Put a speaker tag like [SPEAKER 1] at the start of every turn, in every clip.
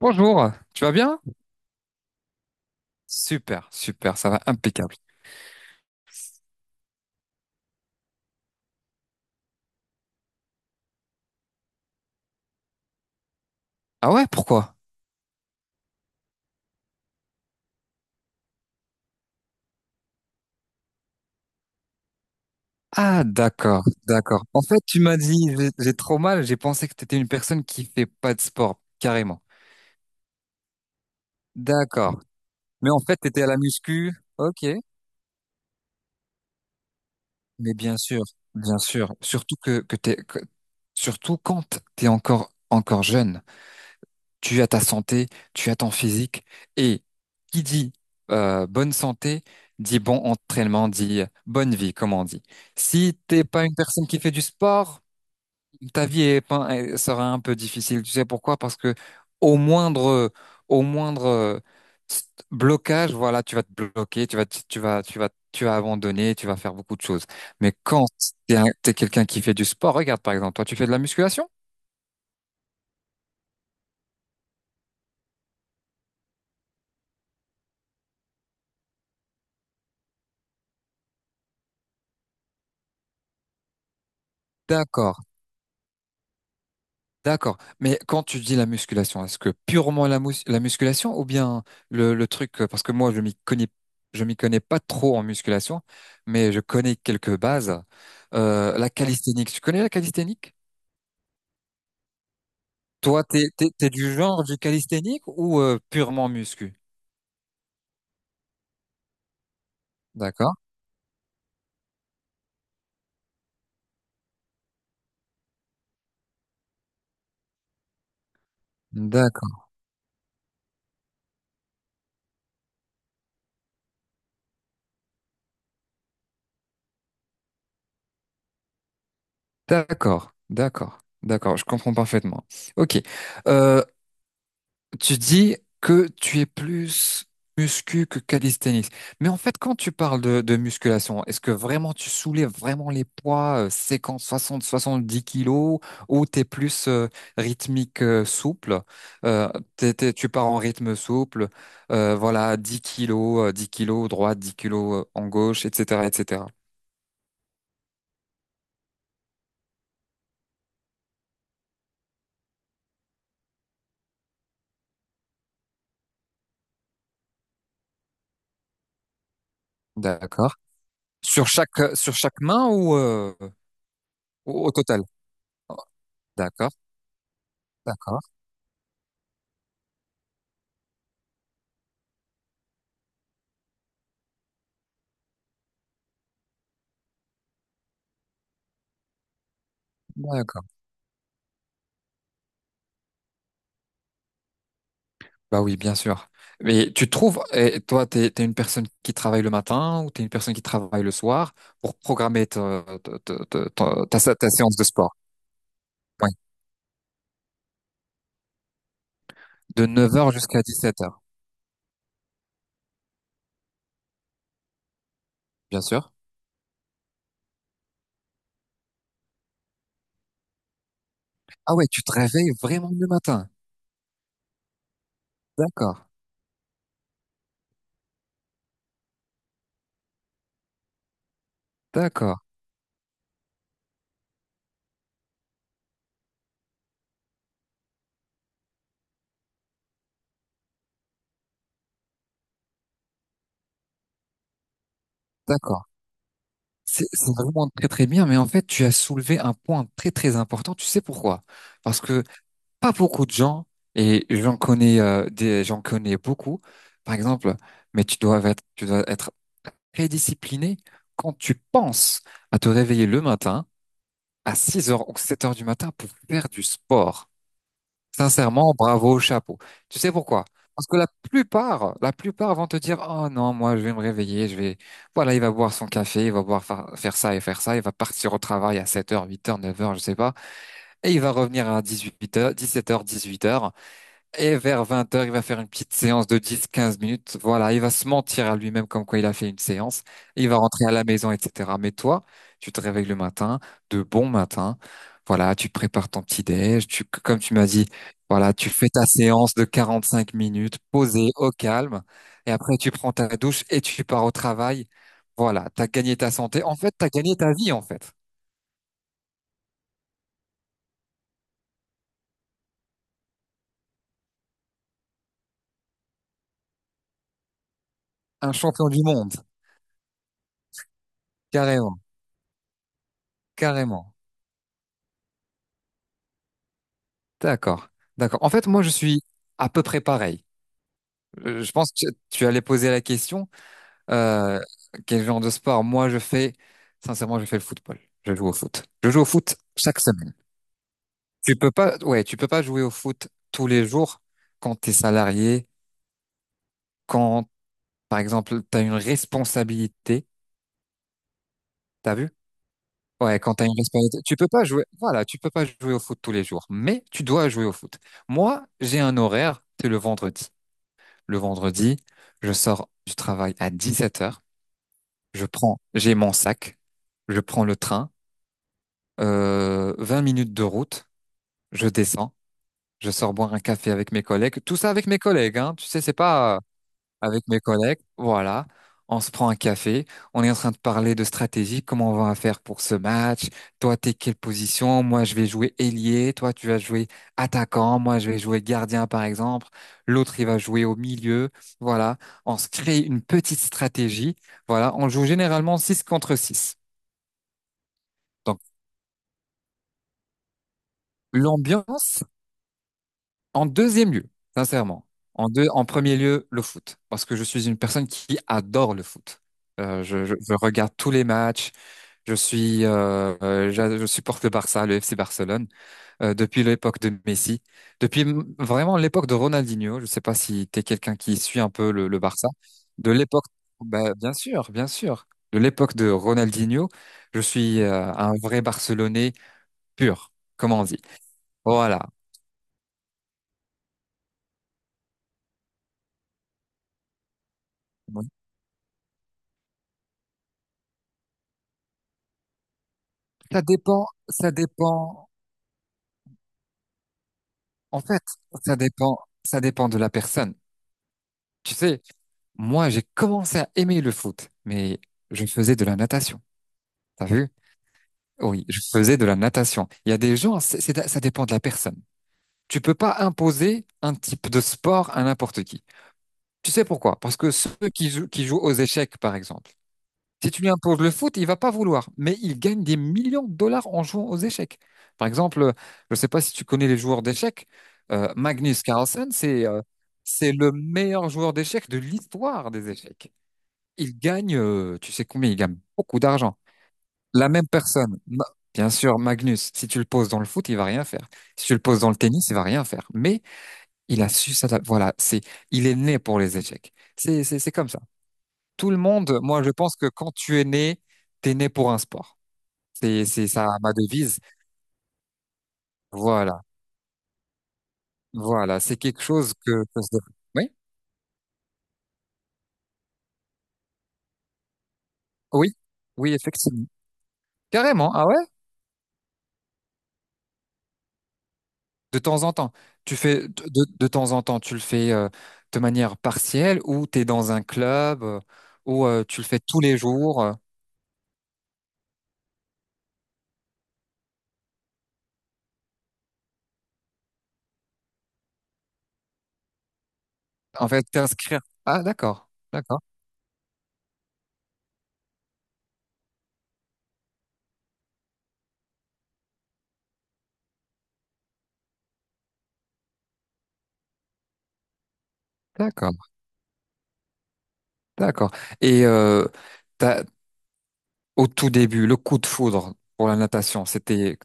[SPEAKER 1] Bonjour, tu vas bien? Super, super, ça va impeccable. Ah ouais, pourquoi? Ah d'accord, d'accord. En fait, tu m'as dit, j'ai trop mal, j'ai pensé que t'étais une personne qui fait pas de sport, carrément. D'accord. Mais en fait, t'étais à la muscu, ok. Mais bien sûr, surtout que t'es, que- surtout quand t'es encore jeune. Tu as ta santé, tu as ton physique. Et qui dit bonne santé, dit bon entraînement, dit bonne vie, comme on dit. Si t'es pas une personne qui fait du sport, ta vie est pas- elle sera un peu difficile. Tu sais pourquoi? Parce que au moindre, au moindre blocage, voilà, tu vas te bloquer, tu vas abandonner, tu vas faire beaucoup de choses. Mais quand t'es quelqu'un qui fait du sport, regarde par exemple, toi, tu fais de la musculation? D'accord, d'accord. Mais quand tu dis la musculation, est-ce que purement la musculation ou bien le truc, parce que moi je m'y connais pas trop en musculation, mais je connais quelques bases. La calisthénique, tu connais la calisthénique? Toi, t'es du genre du calisthénique ou purement muscu? D'accord, d'accord, d'accord, d'accord, d'accord. Je comprends parfaitement. Ok. Euh, Tu dis que tu es plus muscu que calisthenics. Mais en fait, quand tu parles de musculation, est-ce que vraiment tu soulèves vraiment les poids 50, 60, 70 kilos ou t'es plus rythmique souple? Euh, tu pars en rythme souple, voilà, 10 kilos, 10 kilos droite, 10 kilos en gauche, etc., etc. D'accord. Sur chaque main ou, au total? D'accord, d'accord, d'accord. Bah oui, bien sûr. Mais tu trouves, et toi, t'es une personne qui travaille le matin ou t'es une personne qui travaille le soir pour programmer ta séance de sport. Oui. De 9 heures jusqu'à 17 heures, bien sûr. Ah ouais, tu te réveilles vraiment le matin. D'accord, d'accord, d'accord. C'est vraiment très très bien, mais en fait, tu as soulevé un point très très important. Tu sais pourquoi? Parce que pas beaucoup de gens, et j'en connais j'en connais beaucoup, par exemple, mais tu dois être très discipliné quand tu penses à te réveiller le matin à 6 heures ou 7 heures du matin pour faire du sport. Sincèrement, bravo, chapeau. Tu sais pourquoi? Parce que la plupart vont te dire, oh non, moi, je vais me réveiller, je vais, voilà, il va boire son café, il va boire faire ça et faire ça, il va partir au travail à 7 heures, 8 heures, 9 heures, je sais pas, et il va revenir à 18 heures, 17 heures, 18 heures. Et vers 20 heures, il va faire une petite séance de dix quinze minutes. Voilà, il va se mentir à lui-même comme quoi il a fait une séance. Il va rentrer à la maison, etc. Mais toi, tu te réveilles le matin, de bon matin. Voilà, tu prépares ton petit déj. Tu, comme tu m'as dit, voilà, tu fais ta séance de 45 minutes, posée au calme. Et après, tu prends ta douche et tu pars au travail. Voilà, t'as gagné ta santé. En fait, t'as gagné ta vie, en fait. Un champion du monde. Carrément, carrément. D'accord, d'accord. En fait, moi, je suis à peu près pareil. Je pense que tu allais poser la question, euh, quel genre de sport? Moi, je fais, sincèrement, je fais le football. Je joue au foot. Je joue au foot chaque semaine. Tu peux pas, ouais, tu peux pas jouer au foot tous les jours quand t'es salarié, quand, par exemple, t'as une responsabilité. T'as vu? Ouais, quand t'as une responsabilité. Tu peux pas jouer, voilà, tu peux pas jouer au foot tous les jours, mais tu dois jouer au foot. Moi, j'ai un horaire, c'est le vendredi. Le vendredi, je sors du travail à 17 heures. Je prends, j'ai mon sac, je prends le train, 20 minutes de route, je descends, je sors boire un café avec mes collègues, tout ça avec mes collègues, hein, tu sais, c'est pas avec mes collègues, voilà. On se prend un café, on est en train de parler de stratégie, comment on va faire pour ce match, toi t'es quelle position, moi je vais jouer ailier, toi tu vas jouer attaquant, moi je vais jouer gardien par exemple, l'autre il va jouer au milieu, voilà. On se crée une petite stratégie, voilà. On joue généralement 6 contre 6. L'ambiance en deuxième lieu, sincèrement. En premier lieu, le foot, parce que je suis une personne qui adore le foot. Je regarde tous les matchs. Je supporte le Barça, le FC Barcelone depuis l'époque de Messi, depuis vraiment l'époque de Ronaldinho. Je sais pas si t'es quelqu'un qui suit un peu le Barça. De l'époque, bah, bien sûr, bien sûr. De l'époque de Ronaldinho, je suis un vrai Barcelonais pur, comme on dit. Voilà. Ça dépend, en fait, ça dépend, ça dépend de la personne. Tu sais, moi, j'ai commencé à aimer le foot, mais je faisais de la natation. T'as vu? Oui, je faisais de la natation. Il y a des gens, ça dépend de la personne. Tu peux pas imposer un type de sport à n'importe qui. Tu sais pourquoi? Parce que ceux qui jouent aux échecs, par exemple, si tu lui imposes le foot, il va pas vouloir, mais il gagne des millions de dollars en jouant aux échecs. Par exemple, je ne sais pas si tu connais les joueurs d'échecs, Magnus Carlsen, c'est le meilleur joueur d'échecs de l'histoire des échecs. Il gagne, tu sais combien, il gagne beaucoup d'argent. La même personne, bien sûr, Magnus, si tu le poses dans le foot, il va rien faire. Si tu le poses dans le tennis, il va rien faire. Mais il a su ça, voilà, il est né pour les échecs. C'est comme ça tout le monde, moi, je pense que quand tu es né pour un sport. C'est ça ma devise. Voilà, voilà. C'est quelque chose que je- Oui, oui, oui, effectivement. Carrément, ah ouais? De temps en temps. Tu fais, de temps en temps, tu le fais de manière partielle ou tu es dans un club ou tu le fais tous les jours. En fait, t'inscrire. Ah, d'accord, d'accord, d'accord, d'accord. Et au tout début, le coup de foudre pour la natation, c'était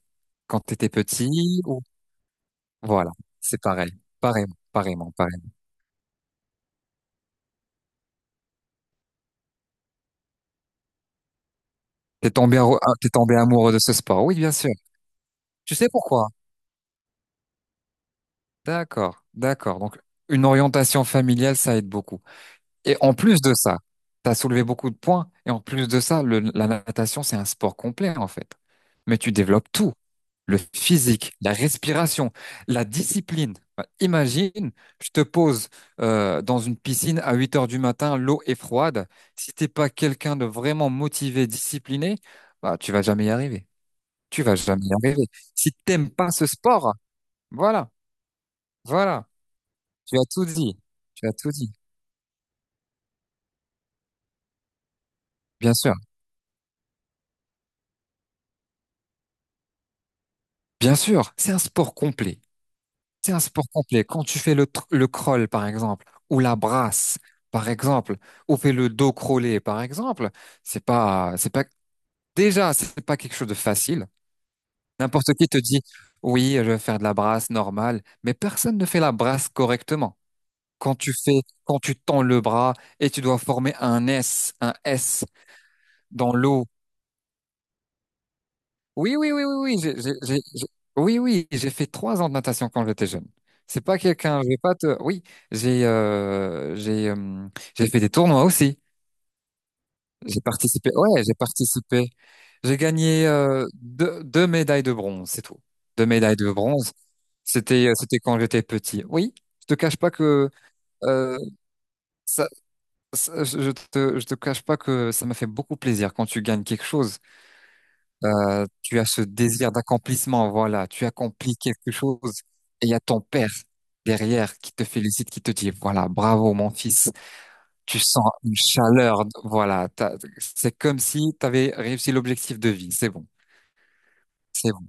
[SPEAKER 1] quand t'étais petit ou? Voilà, c'est pareil. Pareil, pareillement, pareillement. T'es tombé amoureux de ce sport. Oui, bien sûr. Tu sais pourquoi? D'accord, d'accord. Donc, une orientation familiale, ça aide beaucoup. Et en plus de ça, t'as soulevé beaucoup de points. Et en plus de ça, la natation, c'est un sport complet, en fait. Mais tu développes tout, le physique, la respiration, la discipline. Bah, imagine, je te pose dans une piscine à 8 heures du matin, l'eau est froide. Si t'es pas quelqu'un de vraiment motivé, discipliné, bah, tu vas jamais y arriver. Tu vas jamais y arriver. Si t'aimes pas ce sport, voilà, voilà, tu as tout dit. Tu as tout dit. Bien sûr, bien sûr, c'est un sport complet. C'est un sport complet. Quand tu fais le le crawl, par exemple, ou la brasse, par exemple, ou fais le dos crawlé, par exemple, c'est pas, déjà, c'est pas quelque chose de facile. N'importe qui te dit, oui, je vais faire de la brasse normale, mais personne ne fait la brasse correctement. Quand tu tends le bras et tu dois former un S dans l'eau. Oui, oui, oui, oui, oui, oui, oui, j'ai fait 3 ans de natation quand j'étais jeune. C'est pas quelqu'un, je vais pas te, oui, j'ai, euh, j'ai, euh, j'ai fait des tournois aussi. J'ai participé, ouais, j'ai participé. J'ai gagné deux médailles de bronze, c'est tout. Deux médailles de bronze. C'était quand j'étais petit. Oui, je te cache pas que euh, ça, je te cache pas que ça m'a fait beaucoup plaisir quand tu gagnes quelque chose. Tu as ce désir d'accomplissement, voilà, tu accomplis quelque chose et il y a ton père derrière qui te félicite, qui te dit, voilà, bravo mon fils, tu sens une chaleur, voilà, c'est comme si tu avais réussi l'objectif de vie, c'est bon, c'est bon.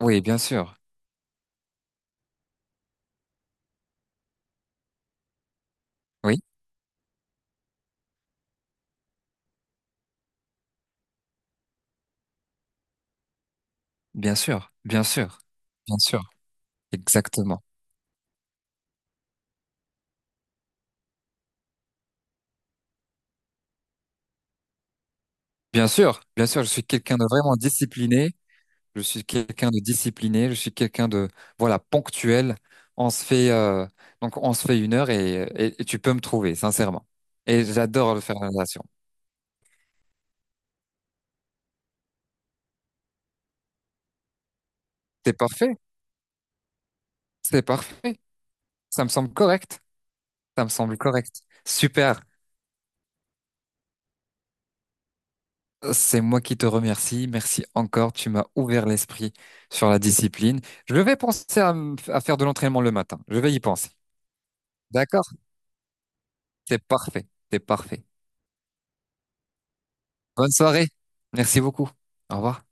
[SPEAKER 1] Oui, bien sûr, oui, bien sûr, bien sûr, bien sûr, exactement. Bien sûr, je suis quelqu'un de vraiment discipliné. Je suis quelqu'un de discipliné, je suis quelqu'un de voilà ponctuel. On se fait donc on se fait une heure et tu peux me trouver sincèrement. Et j'adore le faire la natation. C'est parfait, c'est parfait. Ça me semble correct, ça me semble correct. Super. C'est moi qui te remercie. Merci encore. Tu m'as ouvert l'esprit sur la discipline. Je vais penser à, à faire de l'entraînement le matin. Je vais y penser. D'accord? C'est parfait, c'est parfait. Bonne soirée. Merci beaucoup. Au revoir.